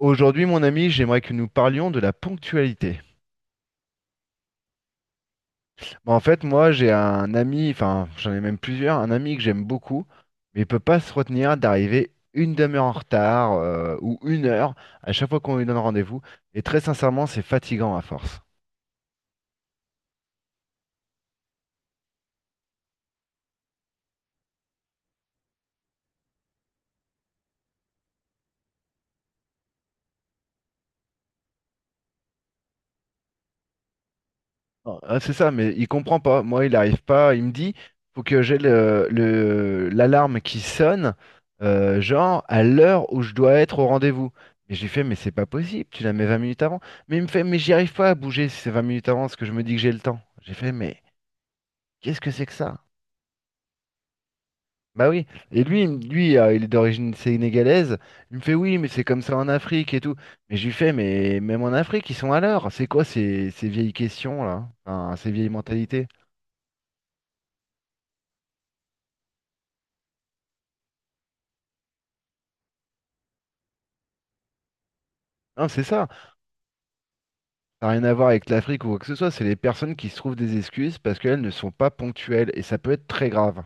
Aujourd'hui, mon ami, j'aimerais que nous parlions de la ponctualité. Bah, en fait, moi, j'ai un ami, enfin, j'en ai même plusieurs, un ami que j'aime beaucoup, mais il peut pas se retenir d'arriver une demi-heure en retard ou une heure à chaque fois qu'on lui donne rendez-vous. Et très sincèrement, c'est fatigant à force. Ah, ah, c'est ça, mais il comprend pas. Moi, il arrive pas. Il me dit, faut que j'ai l'alarme qui sonne, genre à l'heure où je dois être au rendez-vous. Et j'ai fait, mais c'est pas possible, tu la mets 20 minutes avant. Mais il me fait, mais j'y arrive pas à bouger si c'est 20 minutes avant, parce que je me dis que j'ai le temps. J'ai fait, mais qu'est-ce que c'est que ça? Bah oui. Et lui, lui, il est d'origine sénégalaise. Il me fait, oui, mais c'est comme ça en Afrique et tout. Mais je lui fais, mais même en Afrique, ils sont à l'heure. C'est quoi ces vieilles questions là? Enfin, ces vieilles mentalités? Non, c'est ça. Ça n'a rien à voir avec l'Afrique ou quoi que ce soit, c'est les personnes qui se trouvent des excuses parce qu'elles ne sont pas ponctuelles et ça peut être très grave.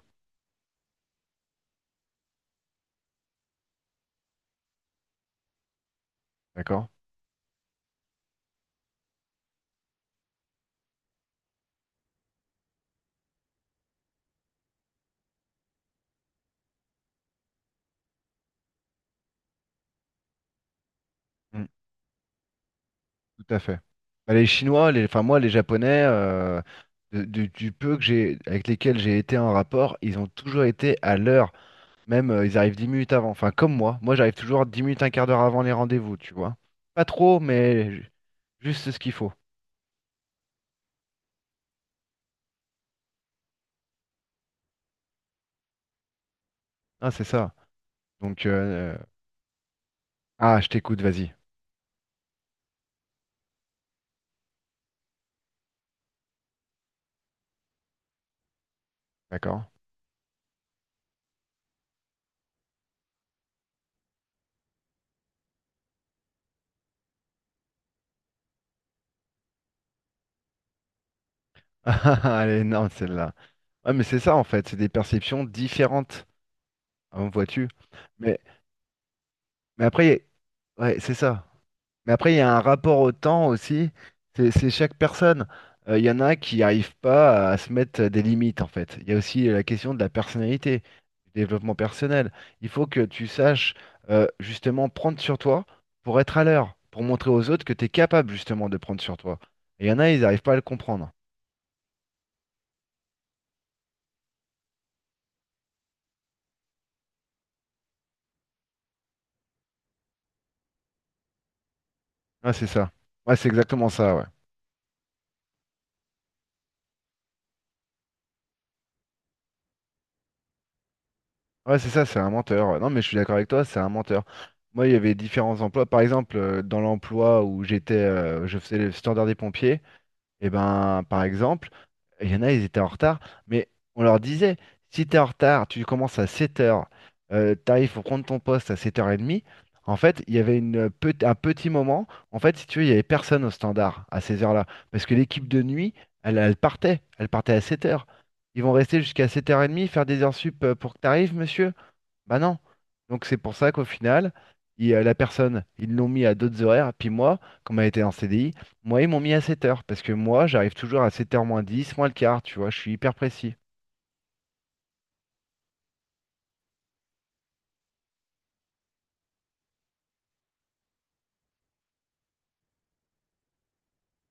D'accord? Mm. Tout à fait. Bah, les Chinois, les, enfin moi, les Japonais, du peu que j'ai, avec lesquels j'ai été en rapport, ils ont toujours été à l'heure. Même ils arrivent 10 minutes avant. Enfin, comme moi. Moi, j'arrive toujours 10 minutes, un quart d'heure avant les rendez-vous, tu vois. Pas trop, mais juste ce qu'il faut. Ah, c'est ça. Donc, ah, je t'écoute, vas-y. D'accord? Ah, elle est énorme celle-là. Ouais, mais c'est ça en fait, c'est des perceptions différentes, hein, vois-tu. Mais, mais après, ouais, c'est ça. Mais après, il y a un rapport au temps aussi. C'est chaque personne. Il y en a qui n'arrivent pas à se mettre des limites en fait. Il y a aussi la question de la personnalité, du développement personnel. Il faut que tu saches justement prendre sur toi pour être à l'heure, pour montrer aux autres que tu es capable justement de prendre sur toi. Et il y en a, ils n'arrivent pas à le comprendre. Ah, c'est ça. Ouais, c'est exactement ça, ouais. Ouais, c'est ça, c'est un menteur. Non, mais je suis d'accord avec toi, c'est un menteur. Moi, il y avait différents emplois. Par exemple, dans l'emploi où j'étais, je faisais le standard des pompiers, et ben, par exemple, il y en a, ils étaient en retard, mais on leur disait, si t'es en retard, tu commences à 7 heures, t'arrives pour prendre ton poste à 7h30. En fait, il y avait un petit moment, en fait, si tu veux, il y avait personne au standard à ces heures-là, parce que l'équipe de nuit, elle, elle partait à 7 heures. Ils vont rester jusqu'à 7h30, faire des heures sup pour que t'arrives, monsieur. Bah non. Donc c'est pour ça qu'au final, la personne, ils l'ont mis à d'autres horaires. Puis moi, comme elle était en CDI, moi, ils m'ont mis à 7 heures. Parce que moi, j'arrive toujours à 7 heures moins 10 moins le quart, tu vois, je suis hyper précis.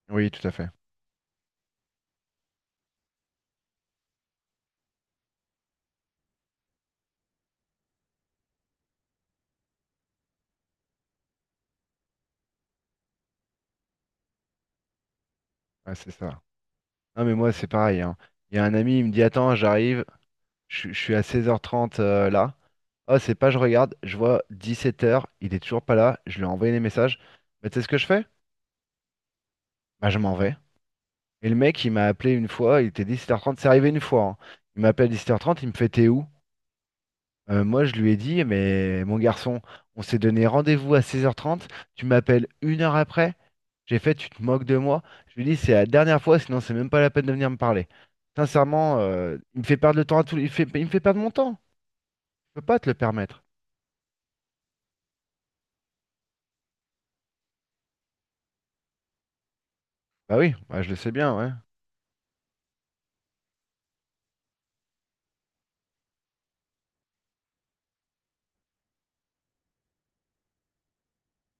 Oui, tout à fait. Ouais, c'est ça. Non, mais moi, c'est pareil, hein. Il y a un ami, il me dit, attends, j'arrive, je suis à 16h30 là. Oh, c'est pas, je regarde, je vois 17h, il est toujours pas là, je lui ai envoyé des messages. Bah, tu sais ce que je fais? Bah, je m'en vais. Et le mec, il m'a appelé une fois, il était 17 heures trente, c'est arrivé une fois, hein. Il m'appelle 17 heures trente, il me fait, t'es où? Moi, je lui ai dit, mais mon garçon, on s'est donné rendez-vous à 16h30, tu m'appelles une heure après, j'ai fait, tu te moques de moi. Je lui ai dit, c'est la dernière fois, sinon c'est même pas la peine de venir me parler. Sincèrement, il me fait perdre le temps à tout, il me fait perdre mon temps. Je peux pas te le permettre. Bah oui, bah je le sais bien, ouais.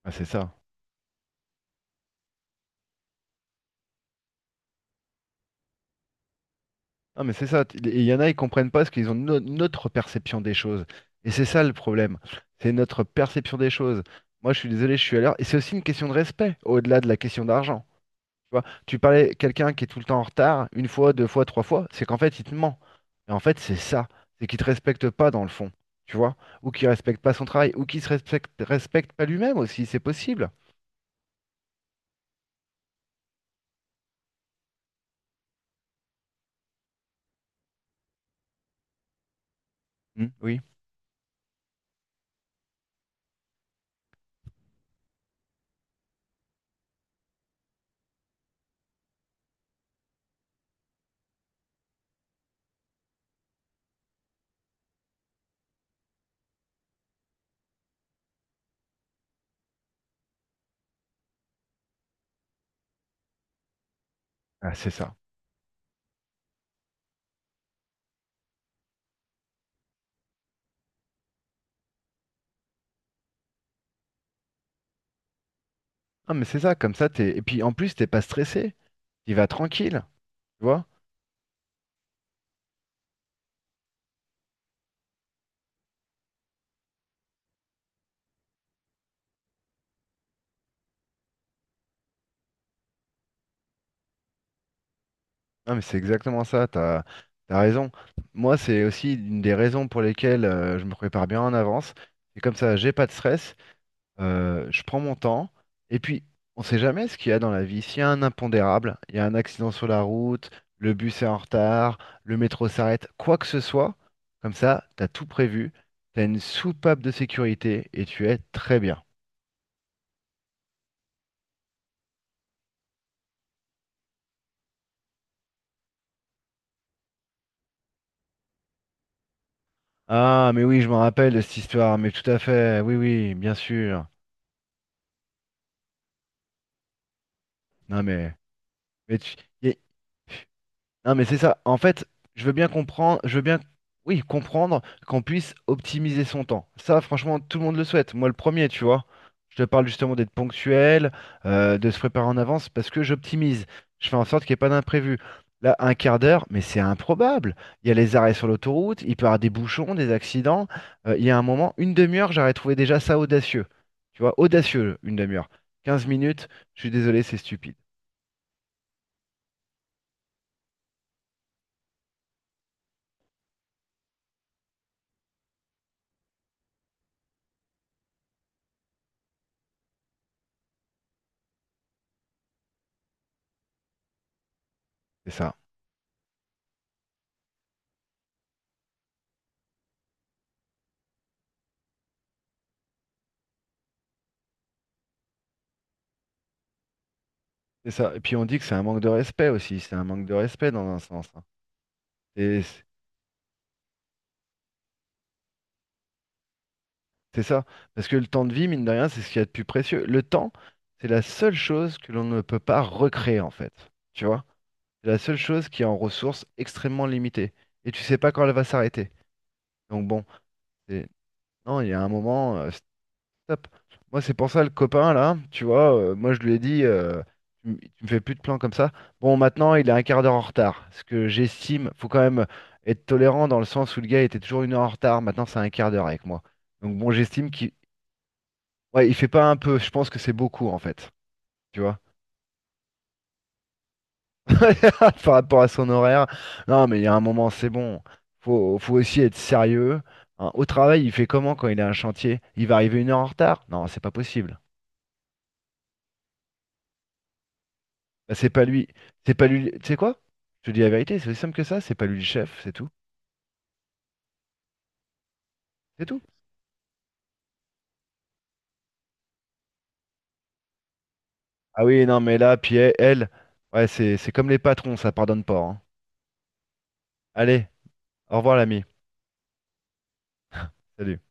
Ah, c'est ça. Non, mais c'est ça. Il y en a, ils comprennent pas parce qu'ils ont notre perception des choses. Et c'est ça le problème. C'est notre perception des choses. Moi, je suis désolé, je suis à l'heure. Et c'est aussi une question de respect, au-delà de la question d'argent. Tu vois, tu parlais quelqu'un qui est tout le temps en retard, une fois, deux fois, trois fois, c'est qu'en fait, il te ment. Et en fait, c'est ça, c'est qu'il te respecte pas dans le fond, tu vois, ou qu'il respecte pas son travail, ou qu'il se respecte pas lui-même aussi, c'est possible. Hmm, oui, ah, c'est ça. Non, mais c'est ça, comme ça, Et puis en plus, t'es pas stressé, tu vas tranquille, tu vois. Non, mais c'est exactement ça, t'as raison. Moi, c'est aussi une des raisons pour lesquelles je me prépare bien en avance. C'est comme ça, j'ai pas de stress. Je prends mon temps. Et puis, on sait jamais ce qu'il y a dans la vie. S'il y a un impondérable, il y a un accident sur la route, le bus est en retard, le métro s'arrête, quoi que ce soit, comme ça, t'as tout prévu, t'as une soupape de sécurité et tu es très bien. Ah, mais oui, je me rappelle de cette histoire, mais tout à fait, oui, oui, bien sûr. Non, mais y- non, mais c'est ça. En fait, je veux bien comprendre, je veux bien, oui, comprendre qu'on puisse optimiser son temps. Ça, franchement, tout le monde le souhaite. Moi, le premier, tu vois. Je te parle justement d'être ponctuel, de se préparer en avance parce que j'optimise. Je fais en sorte qu'il n'y ait pas d'imprévu. Là, un quart d'heure, mais c'est improbable. Il y a les arrêts sur l'autoroute, il peut y avoir des bouchons, des accidents. Il y a un moment, une demi-heure, j'aurais trouvé déjà ça audacieux. Tu vois, audacieux, une demi-heure. 15 minutes, je suis désolé, c'est stupide. C'est ça. C'est ça. Et puis on dit que c'est un manque de respect aussi. C'est un manque de respect dans un sens, hein. Et c'est ça. Parce que le temps de vie, mine de rien, c'est ce qu'il y a de plus précieux. Le temps, c'est la seule chose que l'on ne peut pas recréer, en fait. Tu vois? C'est la seule chose qui est en ressources extrêmement limitées. Et tu sais pas quand elle va s'arrêter. Donc bon. C'est- Non, il y a un moment, stop. Moi, c'est pour ça, le copain, là, tu vois, moi, je lui ai dit, tu me fais plus de plans comme ça. Bon, maintenant, il est un quart d'heure en retard. Ce que j'estime, faut quand même être tolérant dans le sens où le gars était toujours une heure en retard. Maintenant, c'est un quart d'heure avec moi. Donc, bon, j'estime qu'il. Ouais, il fait pas un peu. Je pense que c'est beaucoup, en fait. Tu vois? Par rapport à son horaire. Non, mais il y a un moment, c'est bon. Faut aussi être sérieux, hein. Au travail, il fait comment quand il a un chantier? Il va arriver une heure en retard? Non, c'est pas possible. Bah, c'est pas lui. C'est pas lui. Tu sais quoi? Je te dis la vérité, c'est aussi simple que ça, c'est pas lui le chef, c'est tout. C'est tout. Ah oui, non, mais là, puis elle, elle, ouais, c'est comme les patrons, ça pardonne pas, hein. Allez, au revoir l'ami. Salut.